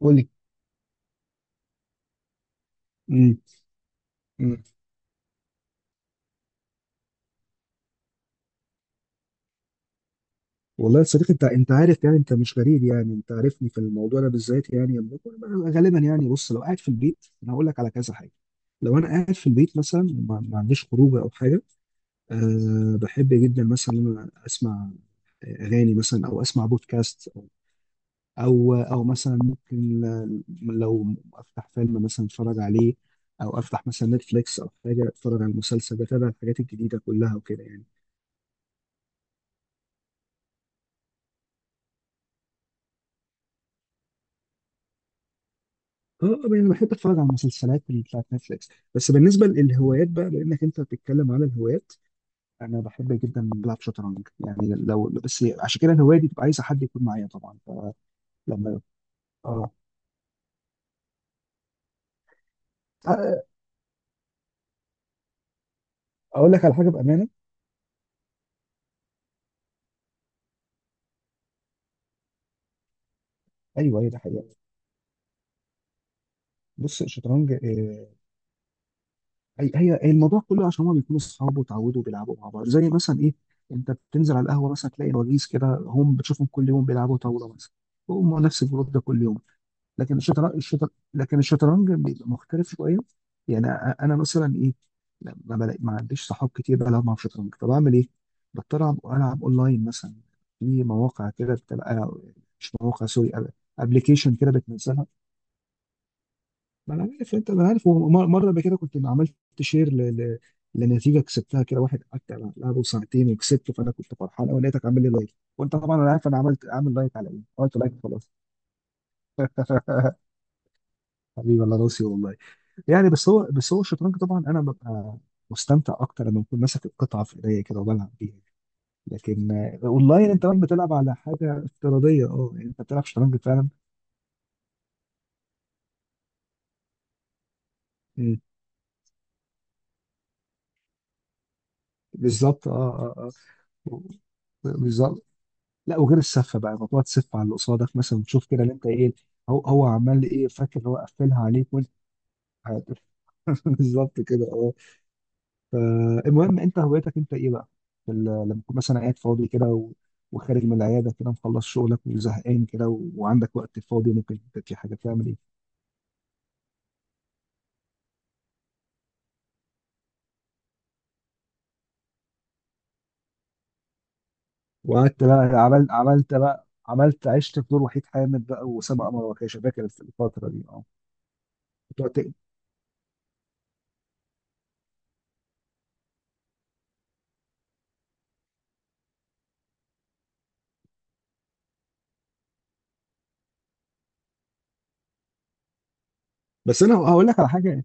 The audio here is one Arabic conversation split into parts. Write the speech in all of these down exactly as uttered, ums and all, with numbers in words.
قول لي. مم. مم. والله يا صديقي، انت انت عارف، يعني انت مش غريب، يعني انت عارفني في الموضوع ده بالذات. يعني لما بكون- أنا غالبا، يعني بص، لو قاعد في البيت انا هقول لك على كذا حاجه. لو انا قاعد في البيت مثلا، ما ما عنديش خروج او حاجه. أه، بحب جدا مثلا ان انا اسمع اغاني مثلا، او اسمع بودكاست، او او أو مثلا ممكن لو افتح فيلم مثلا اتفرج عليه، او افتح مثلا نتفليكس او حاجه، اتفرج على المسلسل، بتابع الحاجات الجديده كلها وكده يعني. اه، انا بحب اتفرج على المسلسلات اللي بتاعت نتفليكس. بس بالنسبه للهوايات بقى، لانك انت بتتكلم على الهوايات، انا بحب جدا بلعب شطرنج يعني. لو بس عشان كده الهوايه دي بتبقى عايزه حد يكون معايا طبعا. فلما اه أ- اقول لك على حاجه بامانه. ايوه، هي ده حقيقه. بص الشطرنج، آه، هي هي هي الموضوع كله عشان هما بيكونوا صحاب، وتعودوا بيلعبوا مع بعض، زي مثلا ايه، انت بتنزل على القهوه مثلا تلاقي وجيز كده، هم بتشوفهم كل يوم بيلعبوا طاوله مثلا. هم نفس الجروب ده كل يوم. لكن الشطرنج الشطر... لكن الشطرنج بيبقى مختلف شويه. يعني أ- انا مثلا ايه، لا، ما, بلاقي... ما عنديش صحاب كتير بلعب معاهم شطرنج، فبعمل ايه؟ بضطر العب العب اونلاين مثلا، في مواقع كده بتبقى. مش مواقع، سوري، ابلكيشن كده بتنزلها. ما انا عارف انت، انا عارف وم- مره قبل كده كنت عملت شير ل... ل... لنتيجه كسبتها كده، واحد قعدت العبه ساعتين وكسبته، فانا كنت فرحان قوي لقيتك عامل لي لايك. وانت طبعا انا عارف، انا عملت عامل لايك على ايه، عملت لايك خلاص. حبيبي الله راسي والله. يعني بس هو بس هو الشطرنج طبعا انا ببقى مستمتع اكتر لما بكون ماسك القطعه في ايديا كده وبلعب بيها. لكن آه، اونلاين انت بقى بتلعب على حاجه افتراضيه، اه يعني انت بتلعب شطرنج فعلا. مم. بالظبط، اه اه. اه، بالظبط. لا، وغير السفه بقى، موضوع تسف على اللي قصادك مثلا، تشوف كده اللي انت ايه، هو هو عمال ايه فاكر، هو قفلها عليك وانت. بالظبط كده، اه. فالمهم انت، هوايتك انت ايه بقى؟ في ال- لما تكون مثلا قاعد فاضي كده و... وخارج من العياده كده، مخلص شغلك وزهقان كده و... وعندك وقت فاضي، ممكن انت في حاجه تعمل ايه؟ وقعدت بقى عملت عملت بقى عملت عشت في دور وحيد حامد بقى، وسام قمر، وكاشه فاكر الفتره دي. اه، بس انا هقول لك على حاجه.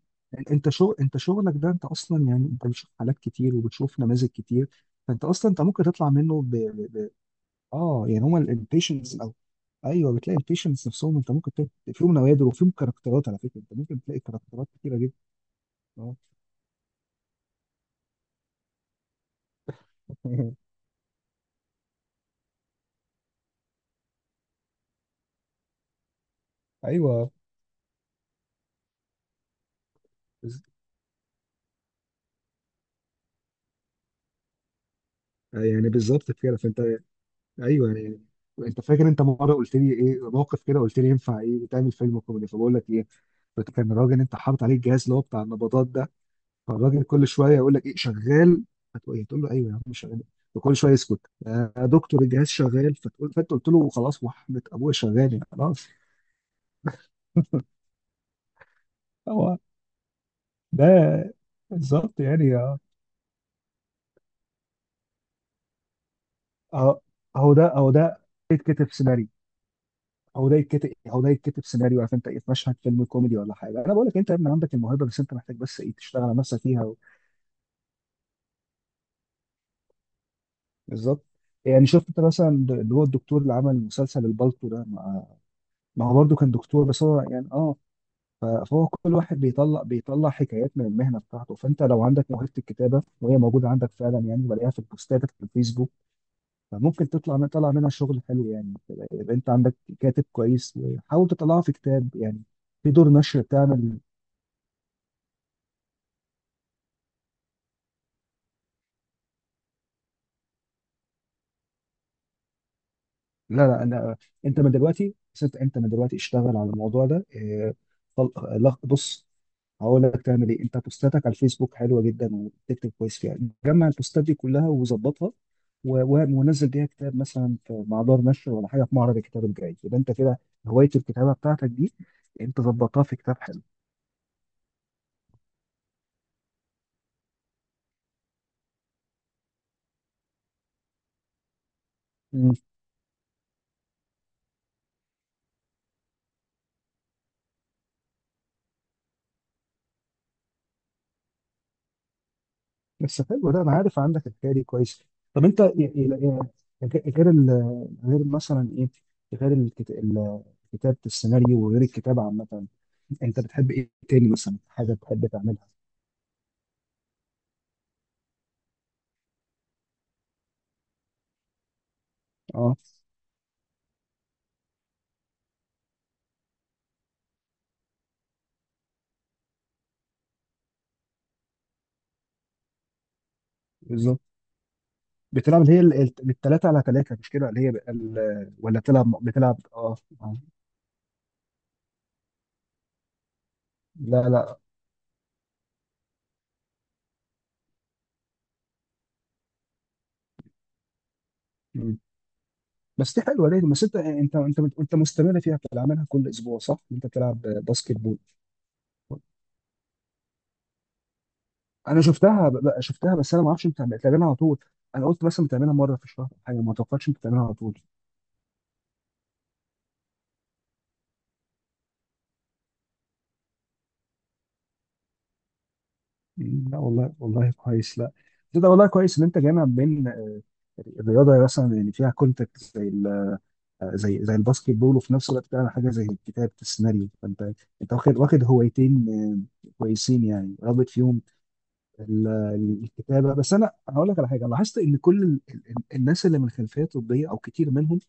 انت شغل انت شغلك ده، انت اصلا يعني انت بتشوف حالات كتير وبتشوف نماذج كتير. فانت اصلا انت ممكن تطلع منه ب... ب... ب... اه، يعني هما البيشنس او. ايوه، بتلاقي البيشنس نفسهم، انت ممكن تلاقي فيهم نوادر وفيهم كاركترات. على فكره، انت ممكن تلاقي كاركترات كتيره جدا. اه. ايوه، بز- يعني بالظبط كده فانت. ايوه يعني. انت فاكر انت مره قلت لي، ايه موقف كده قلت لي، ينفع ايه تعمل فيلم كوميدي، فبقول لك ايه، كان الراجل انت حاطط عليه الجهاز اللي هو بتاع النبضات ده. فالراجل كل شويه يقول لك ايه، شغال؟ فتقول إيه؟ تقول له ايوه يا عم شغال. وكل شويه يسكت، يا دكتور الجهاز شغال؟ فتقول فانت قلت له خلاص، وحدة ابويا شغال يعني، خلاص. هو ده بالظبط يعني. اه اهو اهو ده اهو ده يتكتب سيناريو. اهو ده يتكتب إيه؟ اهو ده يتكتب سيناريو. عارف انت ايه، في مشهد فيلم كوميدي ولا حاجه. انا بقول لك، انت يا ابني عندك الموهبه، بس انت محتاج بس ايه، تشتغل على نفسك فيها و- بالظبط. يعني شفت انت مثلا اللي هو الدكتور اللي عمل مسلسل البالتو ده، ما ما هو برضه كان دكتور، بس هو يعني اه ف- فهو كل واحد بيطلع بيطلع حكايات من المهنه بتاعته. فانت لو عندك موهبه الكتابه وهي موجوده عندك فعلا، يعني بلاقيها في البوستات في الفيسبوك، فممكن تطلع من طلع منها شغل حلو يعني. يبقى انت عندك كاتب كويس، وحاول تطلعه في كتاب يعني، في دور نشر تعمل. لا لا، أنا... أنت من دلوقتي ست أنت من دلوقتي اشتغل على الموضوع ده. إيه، طل- لغ- بص، هقول لك تعمل إيه. أنت بوستاتك على الفيسبوك حلوة جدا وبتكتب كويس فيها. جمع البوستات دي كلها وظبطها و- و- ونزل بيها كتاب مثلا في- مع دار نشر ولا حاجة في معرض الكتاب الجاي. يبقى أنت كده هواية الكتابة بتاعتك دي أنت ظبطتها في كتاب. حلو. بس حلو ده، انا عارف عندك الحكايه دي كويس. طب انت ي- ي- ي- غير ال غير مثلا ايه غير الكت- ال- كتابه السيناريو وغير الكتابه عامه، انت بتحب ايه تاني مثلا حاجه بتحب تعملها؟ اه، بالظبط. بتلعب اللي هي الثلاثه على ثلاثه مش كده، اللي هي بقى ال- ولا بتلعب بتلعب اه. آه. لا لا. مم. بس دي حلوه ليه، بس انت انت انت انت مستمر فيها بتلعبها كل اسبوع، صح؟ انت بتلعب باسكت بول. انا شفتها ب- ب- شفتها بس انا ما اعرفش انت بتعملها على طول. انا قلت مثلا بتعملها مره في الشهر أو حاجه، ما توقعتش انت بتعملها على طول. مم، لا والله والله كويس. لا، ده ده والله كويس ان انت جامع بين الرياضه مثلا اللي فيها كونتاكت زي ال- زي زي الباسكت بول، وفي نفس الوقت بتعمل حاجه زي كتابه السيناريو. فانت انت واخد واخد هوايتين آه، كويسين يعني، رابط فيهم ال- ال- الكتابه. بس انا هقول لك على حاجه، لاحظت ان كل ال- ال- الناس اللي من خلفيه طبيه او كتير منهم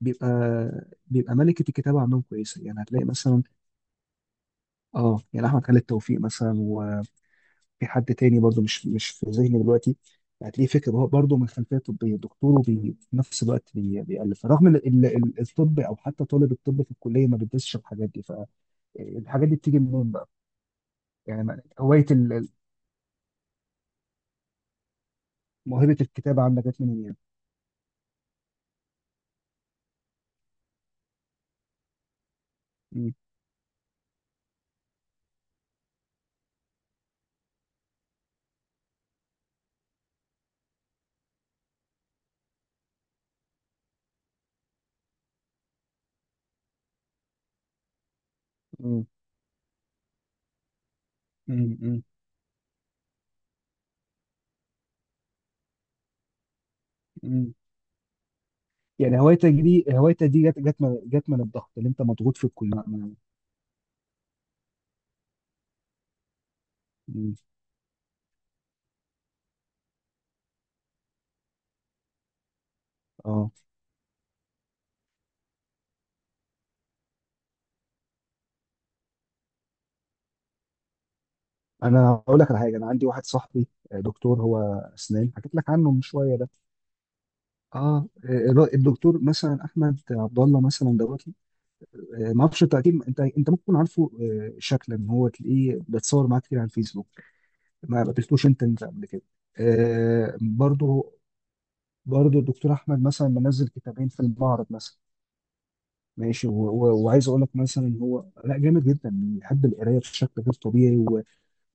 بيبقى بيبقى ملكة الكتابة عندهم كويسة. يعني هتلاقي مثلا اه يعني أحمد خالد توفيق مثلا، وفي حد تاني برضو مش مش في ذهني دلوقتي، هتلاقيه فكر، هو برضه من خلفية طبية دكتور، وفي نفس الوقت بي- بيألف، رغم إن ال- ال- الطب أو حتى طالب الطب في الكلية ما بيدرسش الحاجات دي. فالحاجات دي بتيجي منين بقى؟ يعني ما- هواية ال- ال- موهبة الكتابة عندك جت منين يعني؟ م- م- م- م- م. يعني هوايتك دي هوايتك دي جت جت من جت من الضغط اللي انت مضغوط في الكلية م- م. اه، انا اقول لك على حاجه. انا عندي واحد صاحبي آه، دكتور هو اسنان، حكيت لك عنه من شويه ده. اه آه، الدكتور مثلا احمد عبد الله مثلا دوت. آه، ما اعرفش انت اكيد، انت انت ممكن تكون عارفه آه، شكلا، ان هو تلاقيه بيتصور معاه كتير على الفيسبوك. ما قابلتوش انت انت قبل كده؟ آه، برضه. برضه الدكتور احمد مثلا منزل كتابين في المعرض مثلا، ماشي، و- و- وعايز اقول لك مثلا هو، لا، جامد جدا بيحب القرايه بشكل غير طبيعي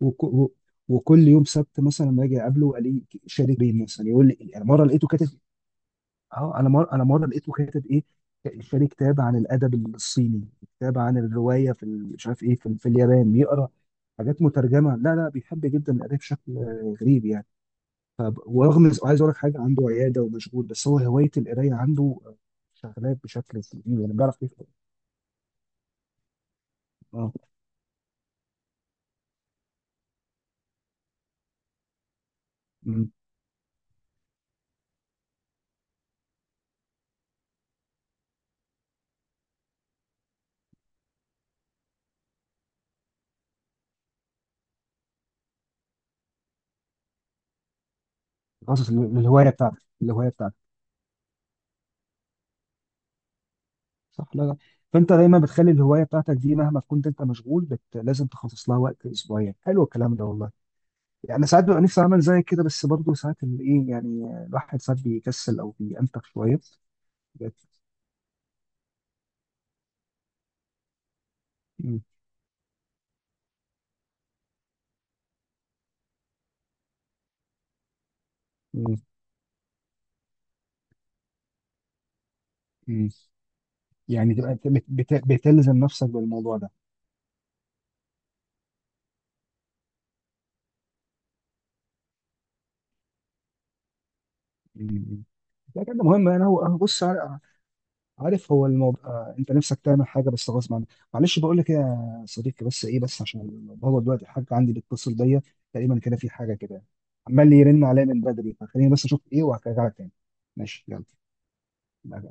وك... و... وكل يوم سبت مثلا لما اجي اقابله الاقيه شارك بيه مثلا، يقول لي انا مره لقيته كاتب. اه، انا مره انا مره لقيته كاتب ايه، شاري كتاب عن الادب الصيني، كتاب عن الروايه في ال- مش عارف ايه في, ال- في اليابان، بيقرا حاجات مترجمه. لا لا، بيحب جدا القرايه بشكل آه، غريب يعني. طب ورغم عايز اقول لك حاجه، عنده عياده ومشغول، بس هو هوايه القرايه عنده آه، شغلاه بشكل كبير يعني، بيعرف يكتب. اه. مم. خاصة الهوايه بتاعته الهوايه بتاعته. صح، لا لا. فانت دايما بتخلي الهوايه بتاعتك دي مهما كنت انت مشغول، بت... لازم تخصص لها وقت اسبوعيا. حلو الكلام ده والله. يعني ساعات ببقى نفسي اعمل زي كده، بس برضه ساعات ال- ايه يعني، الواحد ساعات بيكسل او بينتخ شويه. بت... م- م- م. يعني تبقى بت... بت... بتلزم نفسك بالموضوع ده. م- م. لكن ده مهم. انا هو أنا بص، عارف هو الموضوع، آه، انت نفسك تعمل حاجه بس غصب عنك. معلش، بقول لك ايه يا صديقي بس، ايه بس عشان هو دلوقتي الحاج عندي بيتصل بيا، تقريبا كده في حاجه كده، عمال يرن عليا من بدري، فخليني بس اشوف ايه وهرجع لك تاني. ماشي يلا.